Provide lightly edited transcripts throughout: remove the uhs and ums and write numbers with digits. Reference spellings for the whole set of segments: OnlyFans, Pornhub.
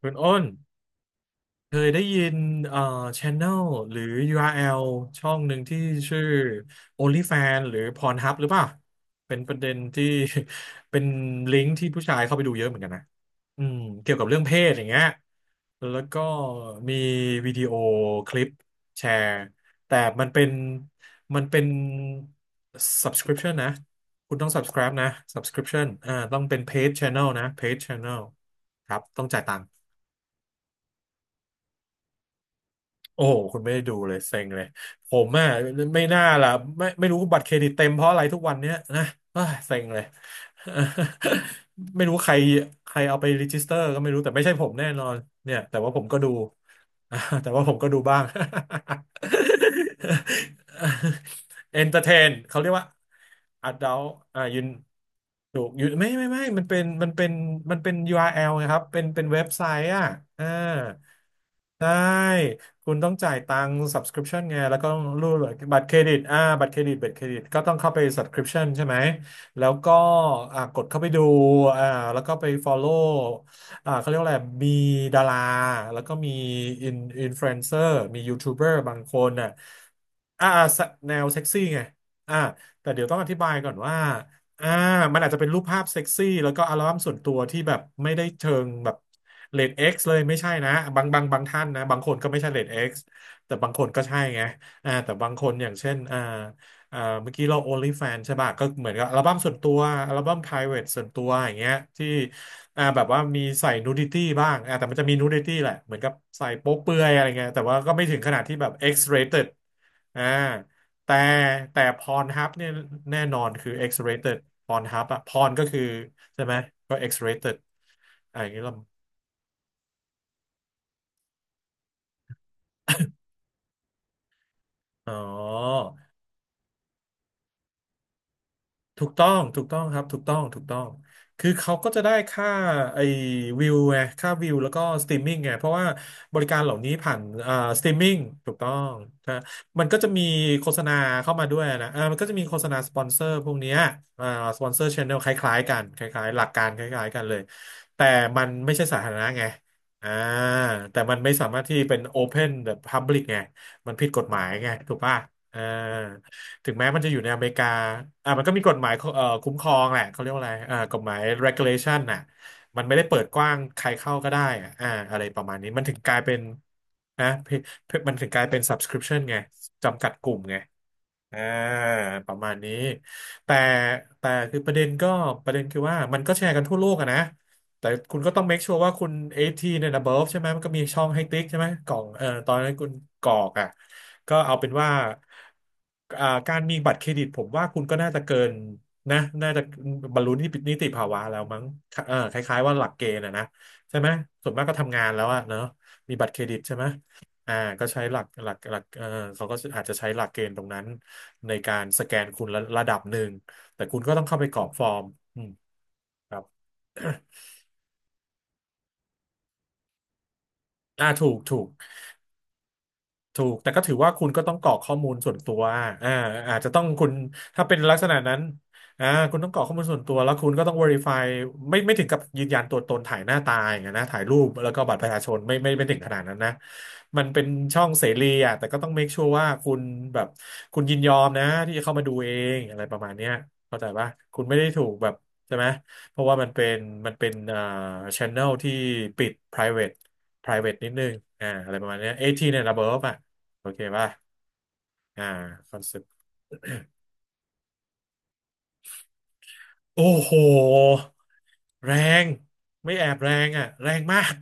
คุณอ้นเคยได้ยินเอ่อ channel หรือ URL ช่องหนึ่งที่ชื่อ OnlyFans หรือ Pornhub หรือเปล่าเป็นประเด็นที่ เป็นลิงก์ที่ผู้ชายเข้าไปดูเยอะเหมือนกันนะอืมเกี่ยวกับเรื่องเพศอย่างเงี้ยแล้วก็มีวิดีโอคลิปแชร์แต่มันเป็นมันเป็น subscription นะคุณต้อง subscribe นะ subscription อ่าต้องเป็น paid channel นะ paid channel ครับต้องจ่ายตังค์ โอ้โหคุณไม่ได้ดูเลยเซ็งเลยผมอ่ะไม่น่าล่ะไม่รู้บัตรเครดิตเต็มเพราะอะไรทุกวันเนี้ยนะเอ้ยเซ็งเลย ไม่รู้ใครใครเอาไปรีจิสเตอร์ก็ไม่รู้แต่ไม่ใช่ผมแน่นอนเนี่ยแต่ว่าผมก็ดู แต่ว่าผมก็ดูบ้าง เอนเตอร์เทนเขาเรียกว่า adult อ่ายืนถูกอยูไม่ มันเป็น URL นะครับเป็นเว็บไซต์อ่ะอ่าใช่ คุณต้องจ่ายตังค์ subscription ไงแล้วก็ต้องรูดบัตรเครดิตอ่าบัตรเครดิตก็ต้องเข้าไป subscription ใช่ไหม แล้วก็อ่ากดเข้าไปดูอ่าแล้วก็ไป follow อ่าเขาเรียกว่าอะไร มีดาราแล้วก็มี in influencer มียูทูบเบอร์บางคนน่ะอ่าแนวเซ็กซี่ไงอ่าแต่เดี๋ยวต้องอธิบายก่อนว่า อ่ามันอาจจะเป็นรูปภาพเซ็กซี่แล้วก็อัลบั้มส่วนตัวที่แบบไม่ได้เชิงแบบเรทเอ็กซ์เลยไม่ใช่นะบางท่านนะบางคนก็ไม่ใช่เรทเอ็กซ์แต่บางคนก็ใช่ไงอ่าแต่บางคนอย่างเช่นอ่าอ่าเมื่อกี้เรา OnlyFans ใช่ป่ะก็เหมือนกับอัลบั้มส่วนตัวอัลบั้ม private ส่วนตัวอย่างเงี้ยที่อ่าแบบว่ามีใส่นูดิตี้บ้างอ่าแต่มันจะมีนูดิตี้แหละเหมือนกับใส่โป๊เปลือยอะไรเงี้ยแต่ว่าก็ไม่ถึงขนาดที่แบบ X rated อ่า แต่แต่พรฮับเนี่ยแน่นอนคือ X-rated พรฮับอะพรก็คือใช่ไหมก็ X-rated อะไรอย่างเงี้ยหรออ๋อ ถูกต้องถูกต้องครับ ถูกต้อง ถูกต้อง คือเขาก็จะได้ค่าไอ้วิวไงค่าวิวแล้วก็สตรีมมิ่งไงเพราะว่าบริการเหล่านี้ผ่านอ่าสตรีมมิ่งถูกต้องนะมันก็จะมีโฆษณาเข้ามาด้วยนะอ่ามันก็จะมีโฆษณาสปอนเซอร์พวกเนี้ยอ่าสปอนเซอร์ชแนลคล้ายๆกันคล้ายๆหลักการคล้ายๆกันเลย แต่มันไม่ใช่สาธารณะไงอ่าแต่มันไม่สามารถที่เป็น Open the Public ไงมันผิดกฎหมายไงถูกป่ะอ่า ถึงแม้มันจะอยู่ในอเมริกาอ่ามันก็มีกฎหมายคุ้มครองแหละเขาเรียกว่าอะไรอ่ากฎหมาย regulation น่ะมันไม่ได้เปิดกว้างใครเข้าก็ได้อะอ่าอะไรประมาณนี้มันถึงกลายเป็นนะเพมันถึงกลายเป็น subscription ไงจำกัดกลุ่มไง อ่าประมาณนี้แต่แต่คือประเด็นก็ประเด็นคือว่ามันก็แชร์กันทั่วโลกอะนะแต่คุณก็ต้อง make sure ว่าคุณ18 and above ใช่ไหมมันก็มีช่องให้ติ๊กใช่ไหมกล่องตอนนั้นคุณกรอกอ่ะก็เอาเป็นว่าอ่าการมีบัตรเครดิตผมว่าคุณก็น่าจะเกินนะน่าจะบรรลุนิติภาวะแล้วมั้งเออคล้ายๆว่าหลักเกณฑ์อะนะใช่ไหมส่วนมากก็ทำงานแล้วอะเนาะมีบัตรเครดิตใช่ไหมอ่าก็ใช้หลักเออเขาก็อาจจะใช้หลักเกณฑ์ตรงนั้น ในการสแกนคุณระดับหนึ่งแต่คุณก็ต้องเข้าไปกรอกฟอร์มอืมครับ อ่าถูกถูก ถูกแต่ก็ถือว่าคุณก็ต้องกรอกข้อมูลส่วนตัวอ่าอาจจะต้องคุณถ้าเป็นลักษณะนั้นอ่าคุณต้องกรอกข้อมูลส่วนตัวแล้วคุณก็ต้อง verify ไม่ถึงกับยืนยันตัวตนถ่ายหน้าตาอย่างเงี้ยนะถ่ายรูปแล้วก็บัตรประชาชนไม่ถึงขนาดนั้นนะมันเป็นช่องเสรีอ่ะแต่ก็ต้อง make sure ว่าคุณแบบคุณยินยอมนะที่จะเข้ามาดูเองอะไรประมาณเนี้ยเข้าใจปะคุณไม่ได้ถูกแบบใช่ไหมเพราะว่ามันเป็นมันเป็นอ่า channel ที่ปิด private private นิดนึงอ่าอะไรประมาณเนี้ย18 a n ระเบิดอ่ะ โอเคป่ะอ่าคอนเซปต์โอ้โหแรงไม่แอบแรงอ่ะแรงมาก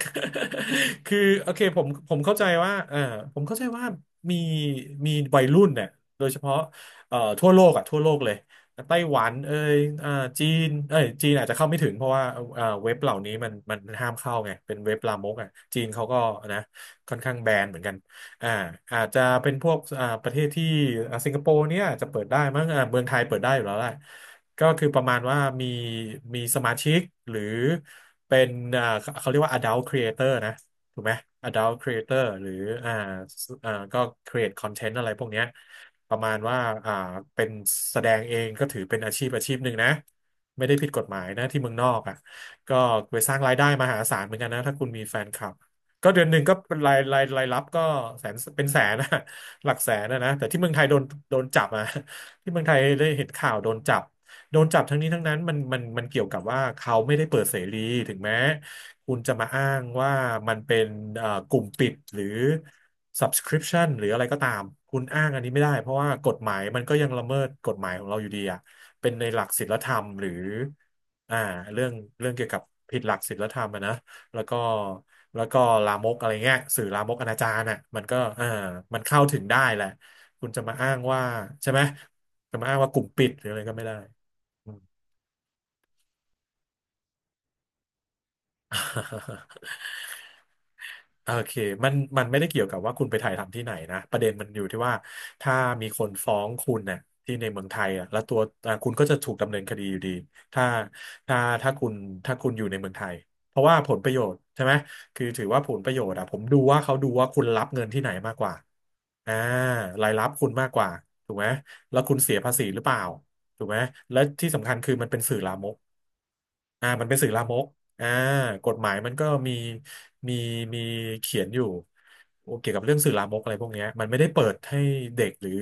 คือโอเคผมเข้าใจว่าผมเข้าใจว่ามีวัยรุ่นเนี่ยโดยเฉพาะทั่วโลกอ่ะทั่วโลกเลยไต้หวันเอ่ยอ่าจีนเอ้ยจีนอาจจะเข้าไม่ถึงเพราะว่าเว็บเหล่านี้มันห้ามเข้าไงเป็นเว็บลามกอ่ะจีนเขาก็นะค่อนข้างแบนเหมือนกัน อ่าอาจจะเป็นพวกประเทศที่สิงคโปร์เนี่ยอาจจะเปิดได้มั้งอ่าเมืองไทยเปิดได้อยู่แล้วแหละก็คือประมาณว่ามีมีสมาชิกหรือเป็นเขาเรียกว่า adult creator นะถูกไหม adult creator หรืออ่าสก็ create content อะไรพวกเนี้ยประมาณว่าอ่าเป็นแสดงเองก็ถือเป็นอาชีพหนึ่งนะไม่ได้ผิดกฎหมายนะที่เมืองนอกอ่ะก็ไปสร้างรายได้มหาศาลเหมือนกันนะถ้าคุณมีแฟนคลับ ก็เดือนหนึ่งก็เป็นรายรายรับก็แสนเป็นแสนนะ หลักแสนนะนะแต่ที่เมืองไทยโดนโดนจับอ่ะ ที่เมืองไทยได้เห็นข่าวโดนจับโดนจับทั้งนี้ทั้งนั้นมันเกี่ยวกับว่าเขาไม่ได้เปิดเสรีถึงแม้คุณจะมาอ้างว่ามันเป็นกลุ่มปิดหรือ subscription หรืออะไรก็ตามคุณอ้างอันนี้ไม่ได้เพราะว่ากฎหมายมันก็ยังละเมิดกฎหมายของเราอยู่ดีอ่ะเป็นในหลักศีลธรรมหรืออ่าเรื่องเกี่ยวกับผิดหลักศีลธรรมอะนะ แล้วก็แล้วก็ลามกอะไรเงี้ยสื่อลามกอนาจารน่ะมันก็เออมันเข้าถึงได้แหละคุณจะมาอ้างว่าใช่ไหมจะมาอ้างว่ากลุ่มปิดหรืออะไรก็ไม่ได้อืม โอเคมันไม่ได้เกี่ยวกับว่าคุณไปถ่ายทำที่ไหนนะประเด็นมันอยู่ที่ว่าถ้ามีคนฟ้องคุณเนี่ยที่ในเมืองไทยอ่ะแล้วตัวอ่ะคุณก็จะถูกดำเนินคดีอยู่ดีถ้าถ้าถ้าคุณถ้าคุณอยู่ในเมืองไทยเพราะว่าผลประโยชน์ใช่ไหมคือถือว่าผลประโยชน์อ่ะผมดูว่าเขาดูว่าคุณรับเงินที่ไหนมากกว่าอ่ารายรับคุณมากกว่าถูกไหมแล้วคุณเสียภาษีหรือเปล่าถูกไหมและที่สำคัญคือมันเป็นสื่อลามก อ่ามันเป็นสื่อลามกอ่ากฎหมายมันก็มีมีมีเขียนอยู่เกี่ยวกับเรื่องสื่อลามกอะไรพวกเนี้ยมันไม่ได้เปิดให้เด็กหรือ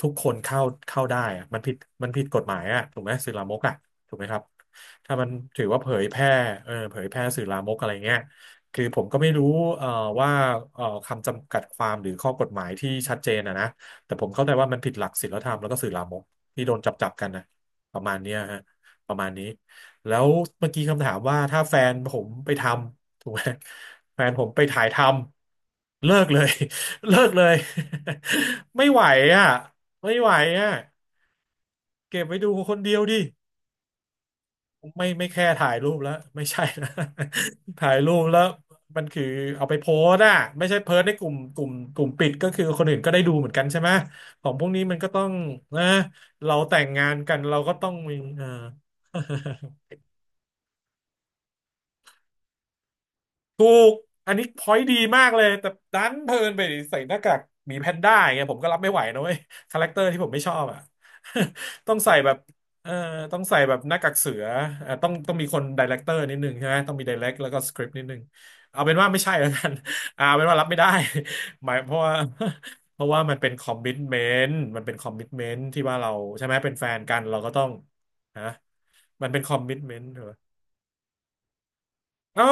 ทุกคนเข้าเข้าได้อะมันผิดมันผิดกฎหมายอ่ะถูกไหมสื่อลามกอ่ะถูกไหมครับถ้ามันถือว่าเผยแพร่เออเผยแพร่สื่อลามกอะไรเงี้ยคือผมก็ไม่รู้เอ่อว่าคำจำกัดความหรือข้อกฎหมายที่ชัดเจนอะนะแต่ผมเข้าใจว่ามันผิดหลักศีลธรรมแล้วก็สื่อลามกที่โดนจับจับกันนะประมาณเนี้ยฮะประมาณนี้ แล้วเมื่อกี้คำถามว่าถ้าแฟนผมไปทำถูกไหมแฟนผมไปถ่ายทำเลิกเลย เลิกเลย ไม่ไหวอ่ะไม่ไหวอ่ะเก็บไว้ดูคนเดียวดิไม่แค่ถ่ายรูปแล้วไม่ใช่นะ ถ่ายรูปแล้วมันคือเอาไปโพสต์อ่ะไม่ใช่เพิร์ในกลุ่มกลุ่มปิดก็คือคนอื่นก็ได้ดูเหมือนกันใช่ไหมของพวกนี้มันก็ต้องนะเราแต่งงานกันเราก็ต้องมีเออ ถูกอันนี้พอยต์ดีมากเลยแต่ดันเพลินไปใส่หน้ากากหมีแพนด้าอย่างเงี้ยผมก็รับไม่ไหวนะเว้ยคาแรคเตอร์ที่ผมไม่ชอบอ่ะ ต้องใส่แบบเออต้องใส่แบบหน้ากากเสืออ่ะต้องต้องมีคนไดเรคเตอร์นิดนึงใช่ไหมต้องมีไดเรคแล้วก็สคริปต์นิดนึงเอาเป็นว่าไม่ใช่แล้วกัน อ่าเอาเป็นว่ารับไม่ได้ หมายเพราะว่า เพราะว่ามันเป็นคอมมิ t เมนต์มันเป็นคอมมิ t เมนต์ที่ว่าเราใช่ไหมเป็นแฟนกันเราก็ต้องฮะมันเป็นคอมมิ t เมนต์เหรอเอ้า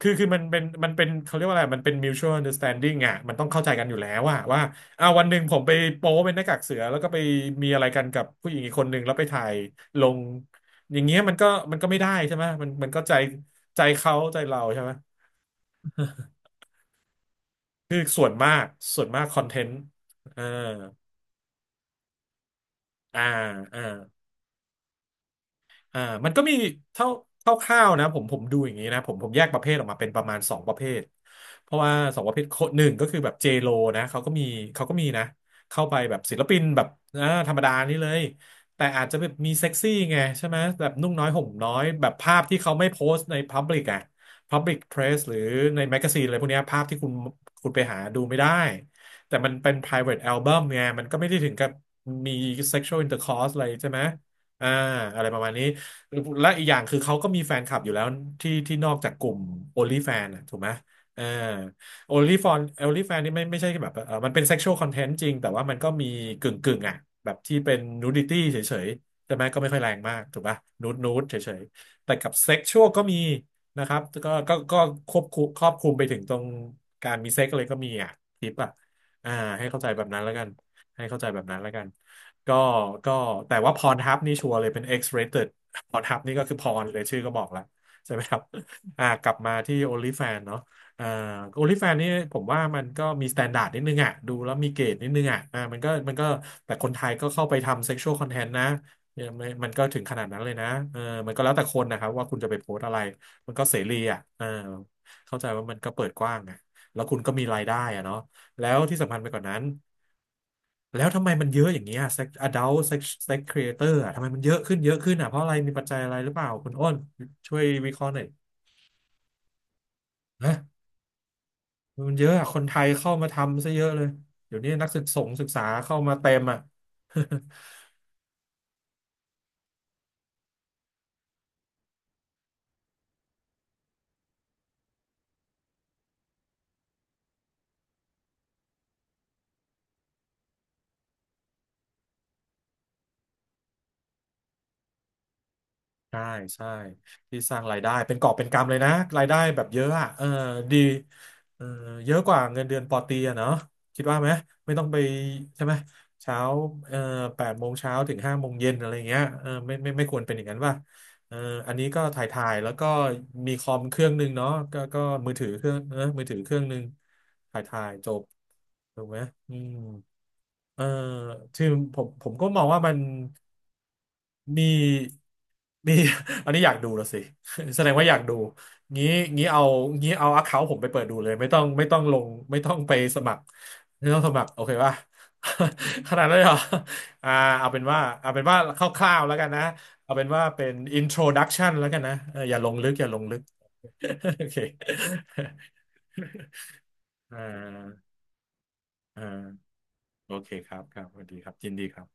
คือมันเป็นเขาเรียกว่าอะไรมันเป็น mutual understanding อ่ะมันต้องเข้าใจกันอยู่แล้วว่าอ่าวันหนึ่งผมไปโป๊เป็นหน้ากากเสือแล้วก็ไปมีอะไรกันกับผู้หญิงอีกคนหนึ่งแล้วไปถ่ายลงอย่างเงี้ยมันก็ไม่ได้ใช่ไหมมันก็ใจใจเขาใจเราใช่ไหมคือส่วนมากคอนเทนต์อ่าอ่าอ่า อ่ามันก็มีเท่าเ่าวๆนะผมดูอย่างนี้นะผมแยกประเภทออกมาเป็นประมาณสองประเภทเพราะว่าสองประเภทโคนหนึ่งก็คือแบบเจโลนะเขาก็มีเขาก็มีนะเข้าไปแบบศิลปินแบบธรรมดานี่เลยแต่อาจจะแบบมีเซ็กซี่ไงใช่ไหมแบบนุ่งน้อยห่มน้อยแบบภาพที่เขาไม่โพสต์ในพับลิกอะพับลิกเพรสหรือในแมกกาซีนอะไรพวกเนี้ยภาพที่คุณไปหาดูไม่ได้แต่มันเป็น private album ไงมันก็ไม่ได้ถึงกับมี sexual intercourse อะไรใช่ไหมอ่าอะไรประมาณนี้ และอีกอย่างคือเขาก็มีแฟนคลับอยู่แล้วที่นอกจากกลุ่ม OnlyFans อะถูกไหมเออ OnlyFans นี่ไม่ใช่แบบเออมันเป็น sexual content จริงแต่ว่ามันก็มีกึ่งอ่ะแบบที่เป็น nudity เฉยๆใช่ไหมก็ไม่ค่อยแรงมากถูกป่ะนูดนูดเฉยๆแต่กับ sexual ก็มีนะครับก็ควบคุมครอบคลุมไปถึงตรงการมีเซ็กเลยก็มีอ่ะทิปอ่ะอ่าให้เข้าใจแบบนั้นแล้วกัน ให้เข้าใจแบบนั้นแล้วกันก็ก็แต่ว่าพรทับนี่ชัวร์เลยเป็น X-rated พรทับนี่ก็คือพรเลยชื่อก็บอกแล้วใช่ไหมครับกลับมาที่ OnlyFans เนาะอ่า OnlyFans นี่ผมว่ามันก็มี s t ต n d า r d นิดนึงอ่ะดูแล้วมีเกรดนิดนึงอ่ะมันก็แต่คนไทยก็เข้าไปทำ sexual content นะเนี่ยมันก็ถึงขนาดนั้นเลยนะเออมันก็แล้วแต่คนนะครับว่าคุณจะไปโพสต์อะไรมันก็เสรีอ่ะเออเข้าใจว่ามันก็เปิดกว้างอ่ะแล้วคุณก็มีรายได้อ่ะเนาะแล้วที่สำคัญไปกว่านั้น แล้วทำไมมันเยอะอย่างเงี้ย sex adult sex sex creator อ่ะทำไมมันเยอะขึ้นเยอะขึ้นอ่ะเพราะอะไรมีปัจจัยอะไรหรือเปล่าคุณอ้นช่วยวิเคราะห์หน่อยนะมันเยอะอ่ะคนไทยเข้ามาทำซะเยอะเลยเดี๋ยวนี้นักศึกษงศึกษาเข้ามาเต็มอ่ะ ใช่ใช่ที่สร้างรายได้เป็นกอบเป็นกำเลยนะรายได้แบบเยอะอะเออดีเออเยอะกว่าเงินเดือนปอตรีอะเนาะคิดว่าไหมไม่ต้องไปใช่ไหมเช้าเออแปดโมงเช้าถึงห้าโมงเย็นอะไรเงี้ยเออไม่ควรเป็นอย่างนั้นป่ะเอออันนี้ก็ถ่ายแล้วก็มีคอมเครื่องหนึ่งเนาะก็มือถือเครื่องหนึ่งถ่ายจบถูกไหมอืม เออคือผมก็มองว่ามันมีมี อันนี้อยากดูแล้วสิ แสดงว่าอยากดู งี้งี้เอางี้เอาอคเคาท์ผมไปเปิดดูเลยไม่ต้องลงไม่ต้องไปสมัครไม่ต้องสมัครโอเคป่ะ ขนาดนั้นเลยเหรออ่าเอาเป็นว่าคร่าวๆแล้วกันนะ เอาเป็นว่าเป็น introduction แล้วกันนะเอออย่าลงลึก โอเค อ่าอ่าโอเคครับสวัสดีครับยินดีครับ